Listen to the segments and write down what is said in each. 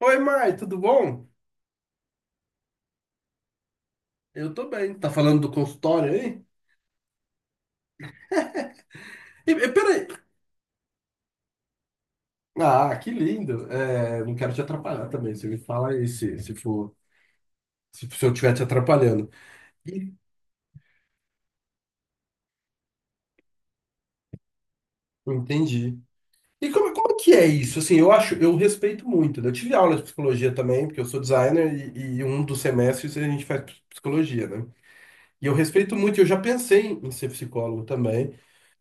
Oi, Mai, tudo bom? Eu tô bem. Tá falando do consultório aí? E, peraí. Ah, que lindo. É, não quero te atrapalhar também. Você me fala aí se for, se eu estiver te atrapalhando. E- Entendi. E como que é isso? Assim, eu acho, eu respeito muito. Né? Eu tive aula de psicologia também, porque eu sou designer e um dos semestres a gente faz psicologia, né? E eu respeito muito, eu já pensei em ser psicólogo também,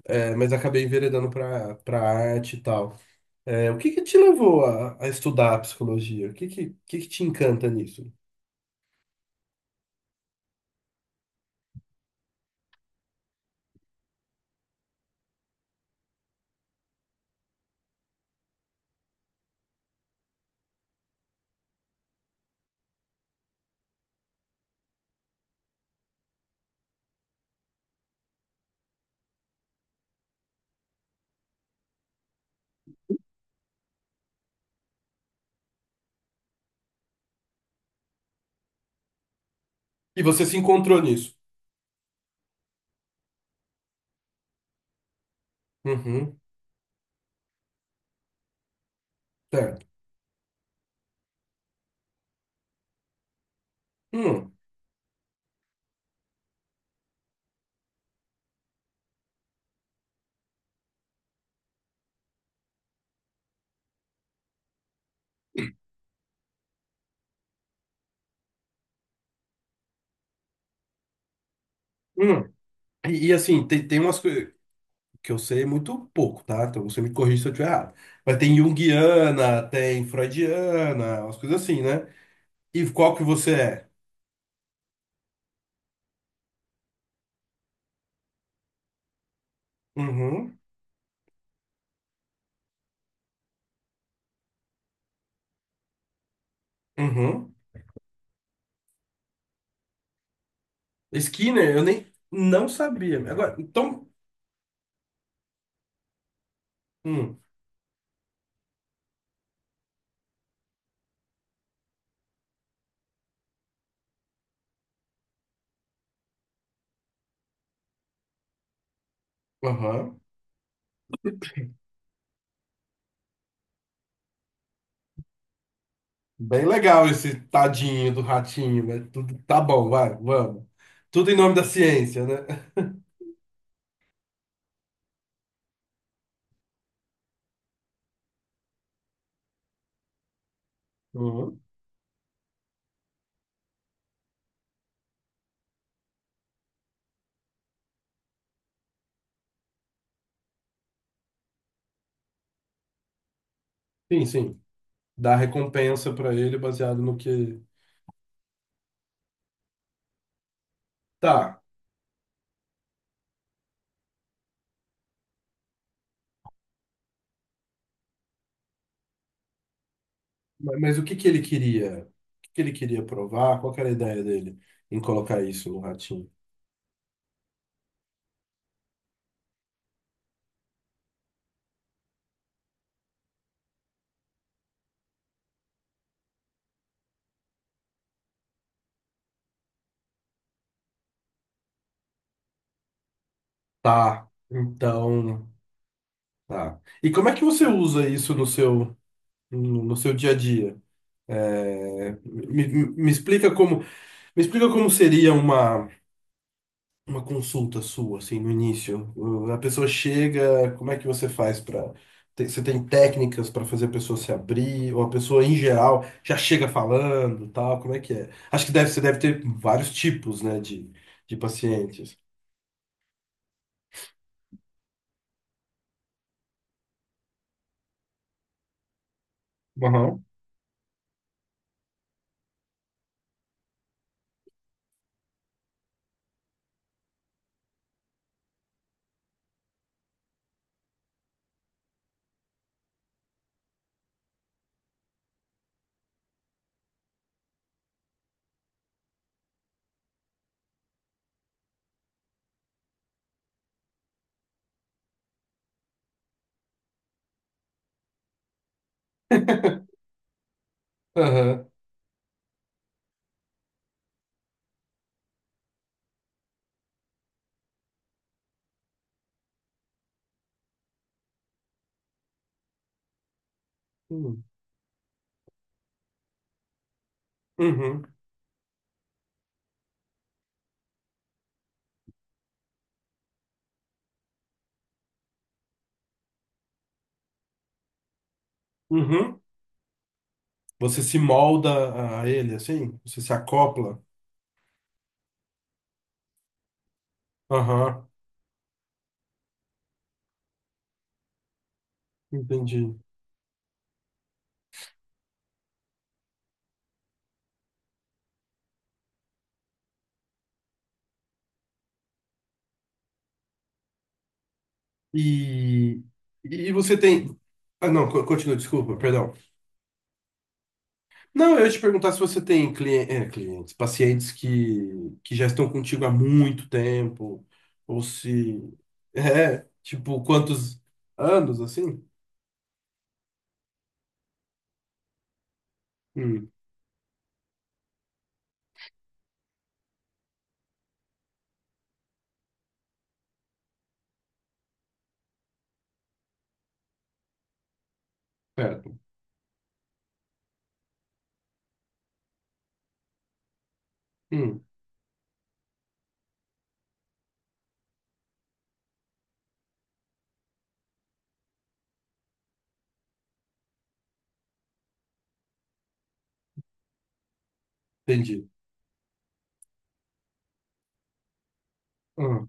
mas acabei enveredando para arte e tal. O que que te levou a estudar a psicologia? O que que te encanta nisso? E você se encontrou nisso? Uhum, certo. Hum, hum. E, assim, tem umas coisas que eu sei muito pouco, tá? Então você me corrige se eu estiver errado. Mas tem junguiana, tem freudiana, umas coisas assim, né? E qual que você é? Uhum, uhum. Skinner, eu nem não sabia. Agora, então, hum, aham. Bem legal esse tadinho do ratinho, né? Tudo, tá bom, vai, vamos. Tudo em nome da ciência, né? Uhum. Sim, sim. Dá recompensa pra ele baseado no que. Tá, mas o que que ele queria? O que que ele queria provar? Qual que era a ideia dele em colocar isso no ratinho? Tá, então. Tá. E como é que você usa isso no seu, no no seu dia a dia? É, me explica como seria uma. Uma consulta sua, assim, no início. A pessoa chega, como é que você faz para. Você tem técnicas para fazer a pessoa se abrir, ou a pessoa em geral já chega falando, tal, como é que é? Acho que deve, você deve ter vários tipos, né, de pacientes. Aham. Aham. Hum. Uhum. Uhum. Você se molda a ele, assim? Você se acopla? Aham. Entendi. E, e, você tem. Ah, não, continua, desculpa, perdão. Não, eu ia te perguntar se você tem clientes, pacientes que já estão contigo há muito tempo, ou se. É, tipo, quantos anos assim? Hum, certo. Hum, entendi. Ah,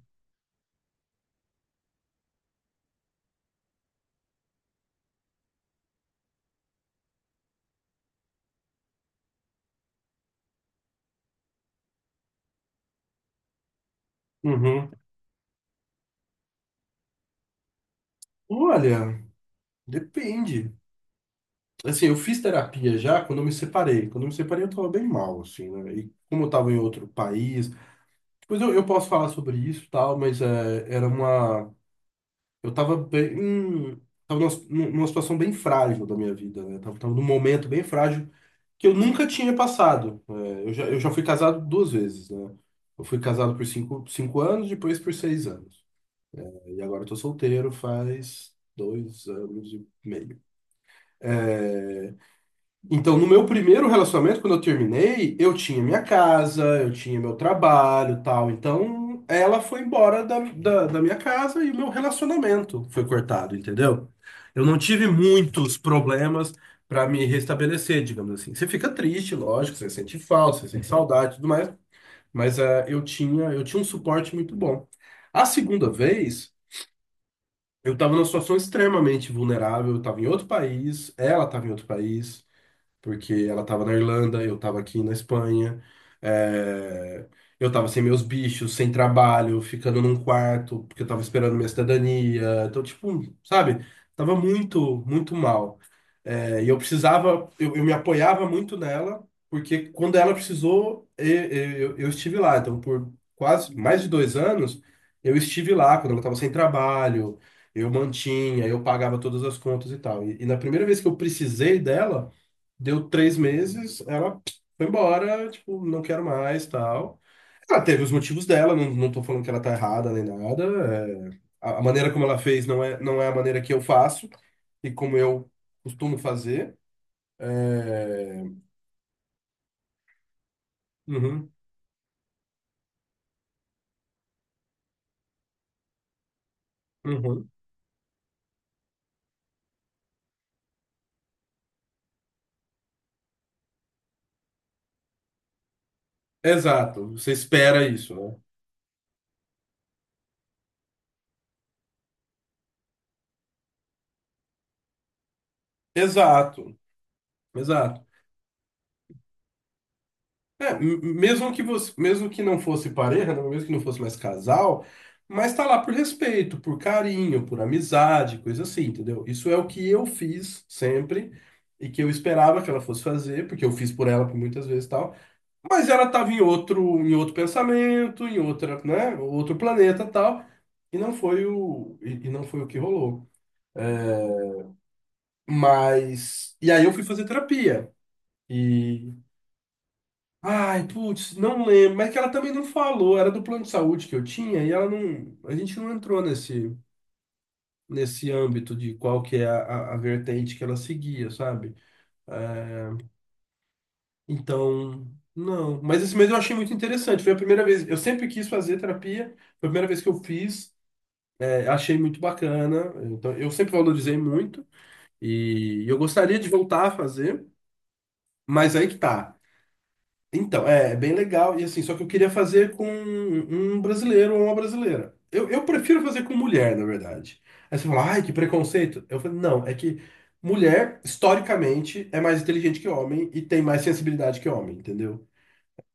uhum. Olha, depende. Assim, eu fiz terapia já quando eu me separei. Quando eu me separei, eu tava bem mal, assim, né? E como eu tava em outro país. Depois eu posso falar sobre isso e tal, mas era uma. Eu tava bem, tava numa situação bem frágil da minha vida, né? Tava num momento bem frágil que eu nunca tinha passado. É, eu já fui casado 2 vezes, né? Eu fui casado por 5 anos, depois por 6 anos. E agora eu tô solteiro faz 2 anos e meio. Então, no meu primeiro relacionamento, quando eu terminei, eu tinha minha casa, eu tinha meu trabalho, tal. Então, ela foi embora da minha casa e o meu relacionamento foi cortado, entendeu? Eu não tive muitos problemas para me restabelecer, digamos assim. Você fica triste, lógico, você sente falta, você sente saudade, e tudo mais. Mas eu tinha um suporte muito bom. A segunda vez, eu estava numa situação extremamente vulnerável, eu estava em outro país, ela estava em outro país porque ela estava na Irlanda, eu estava aqui na Espanha, é, eu estava sem meus bichos, sem trabalho, ficando num quarto, porque eu estava esperando minha cidadania. Então, tipo, sabe, tava muito, muito mal. É, e eu precisava, eu me apoiava muito nela, porque quando ela precisou, eu estive lá. Então, por quase mais de 2 anos, eu estive lá quando ela estava sem trabalho. Eu mantinha, eu pagava todas as contas e tal. E na primeira vez que eu precisei dela, deu 3 meses, ela foi embora, tipo, não quero mais, tal. Ela teve os motivos dela, não, não tô falando que ela tá errada nem nada. A maneira como ela fez não é a maneira que eu faço e como eu costumo fazer. É, uhum, uhum. Exato, você espera isso, né? Exato, exato. É, mesmo que você, mesmo que não fosse pareja, né, mesmo que não fosse mais casal, mas tá lá por respeito, por carinho, por amizade, coisa assim, entendeu? Isso é o que eu fiz sempre e que eu esperava que ela fosse fazer, porque eu fiz por ela por muitas vezes e tal. Mas ela tava em outro pensamento, em outra, né, outro planeta, e tal, e não foi o que rolou. É, mas e aí eu fui fazer terapia. Ai, putz, não lembro, mas que ela também não falou, era do plano de saúde que eu tinha e ela não, a gente não entrou nesse âmbito de qual que é a vertente que ela seguia, sabe? Então, não, mas esse mês eu achei muito interessante, foi a primeira vez, eu sempre quis fazer terapia, foi a primeira vez que eu fiz, é, achei muito bacana, então eu sempre valorizei muito e eu gostaria de voltar a fazer, mas aí que tá. Então, é bem legal. E assim, só que eu queria fazer com um brasileiro ou uma brasileira. Eu prefiro fazer com mulher, na verdade. Aí você fala, ai, que preconceito. Eu falei, não, é que mulher, historicamente, é mais inteligente que homem e tem mais sensibilidade que homem, entendeu?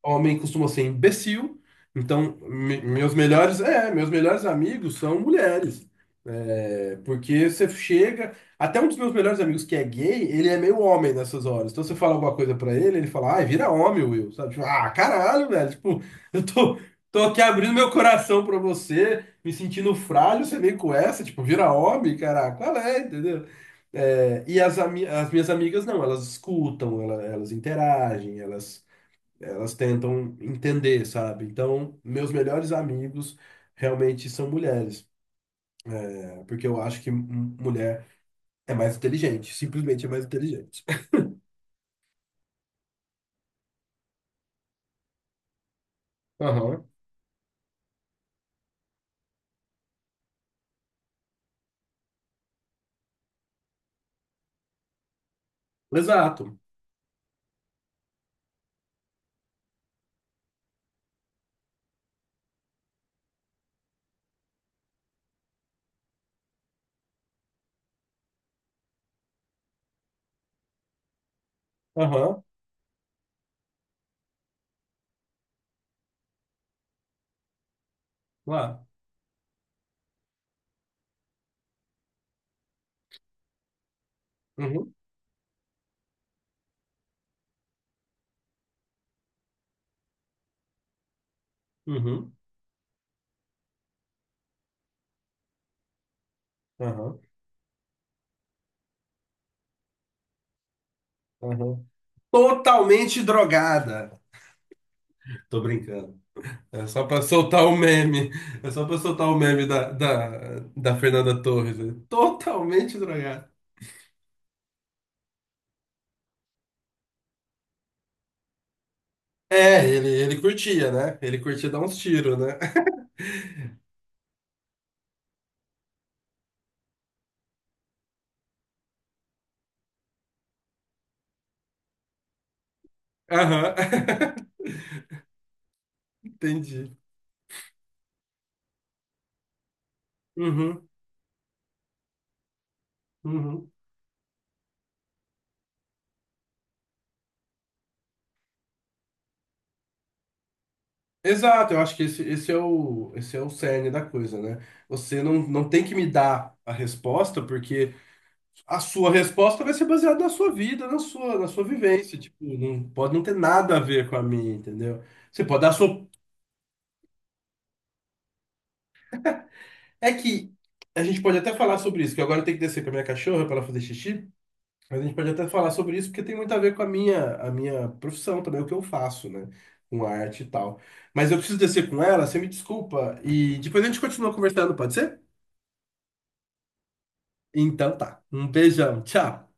Homem costuma ser imbecil, então meus melhores amigos são mulheres. É, porque você chega, até um dos meus melhores amigos que é gay, ele é meio homem nessas horas. Então você fala alguma coisa pra ele, ele fala: "Ai, vira homem, Will", sabe? Tipo, ah, caralho, velho, tipo, eu tô Tô aqui abrindo meu coração pra você, me sentindo frágil, você vem com essa, tipo, vira homem, caraca, qual é, entendeu? É, e as minhas amigas não, elas escutam, elas interagem, elas tentam entender, sabe? Então, meus melhores amigos realmente são mulheres, é, porque eu acho que mulher é mais inteligente, simplesmente é mais inteligente. Aham, exato. Aham, lá. Uhum, uhum, aham, aham. Totalmente drogada. Tô brincando. É só pra soltar o meme. É só pra soltar o meme da Fernanda Torres. Né? Totalmente drogada. É, ele curtia, né? Ele curtia dar uns tiros, né? Aham. Entendi. Uhum, uhum. Exato, eu acho que esse é o cerne da coisa, né? Você não, não tem que me dar a resposta, porque a sua resposta vai ser baseada na sua vida, na sua vivência. Tipo, não, pode não ter nada a ver com a minha, entendeu? Você pode dar a sua. É que a gente pode até falar sobre isso, que agora eu tenho que descer com a minha cachorra para ela fazer xixi. Mas a gente pode até falar sobre isso, porque tem muito a ver com a minha profissão também, o que eu faço, né? Com arte e tal. Mas eu preciso descer com ela, você me desculpa. E depois a gente continua conversando, pode ser? Então tá. Um beijão, tchau.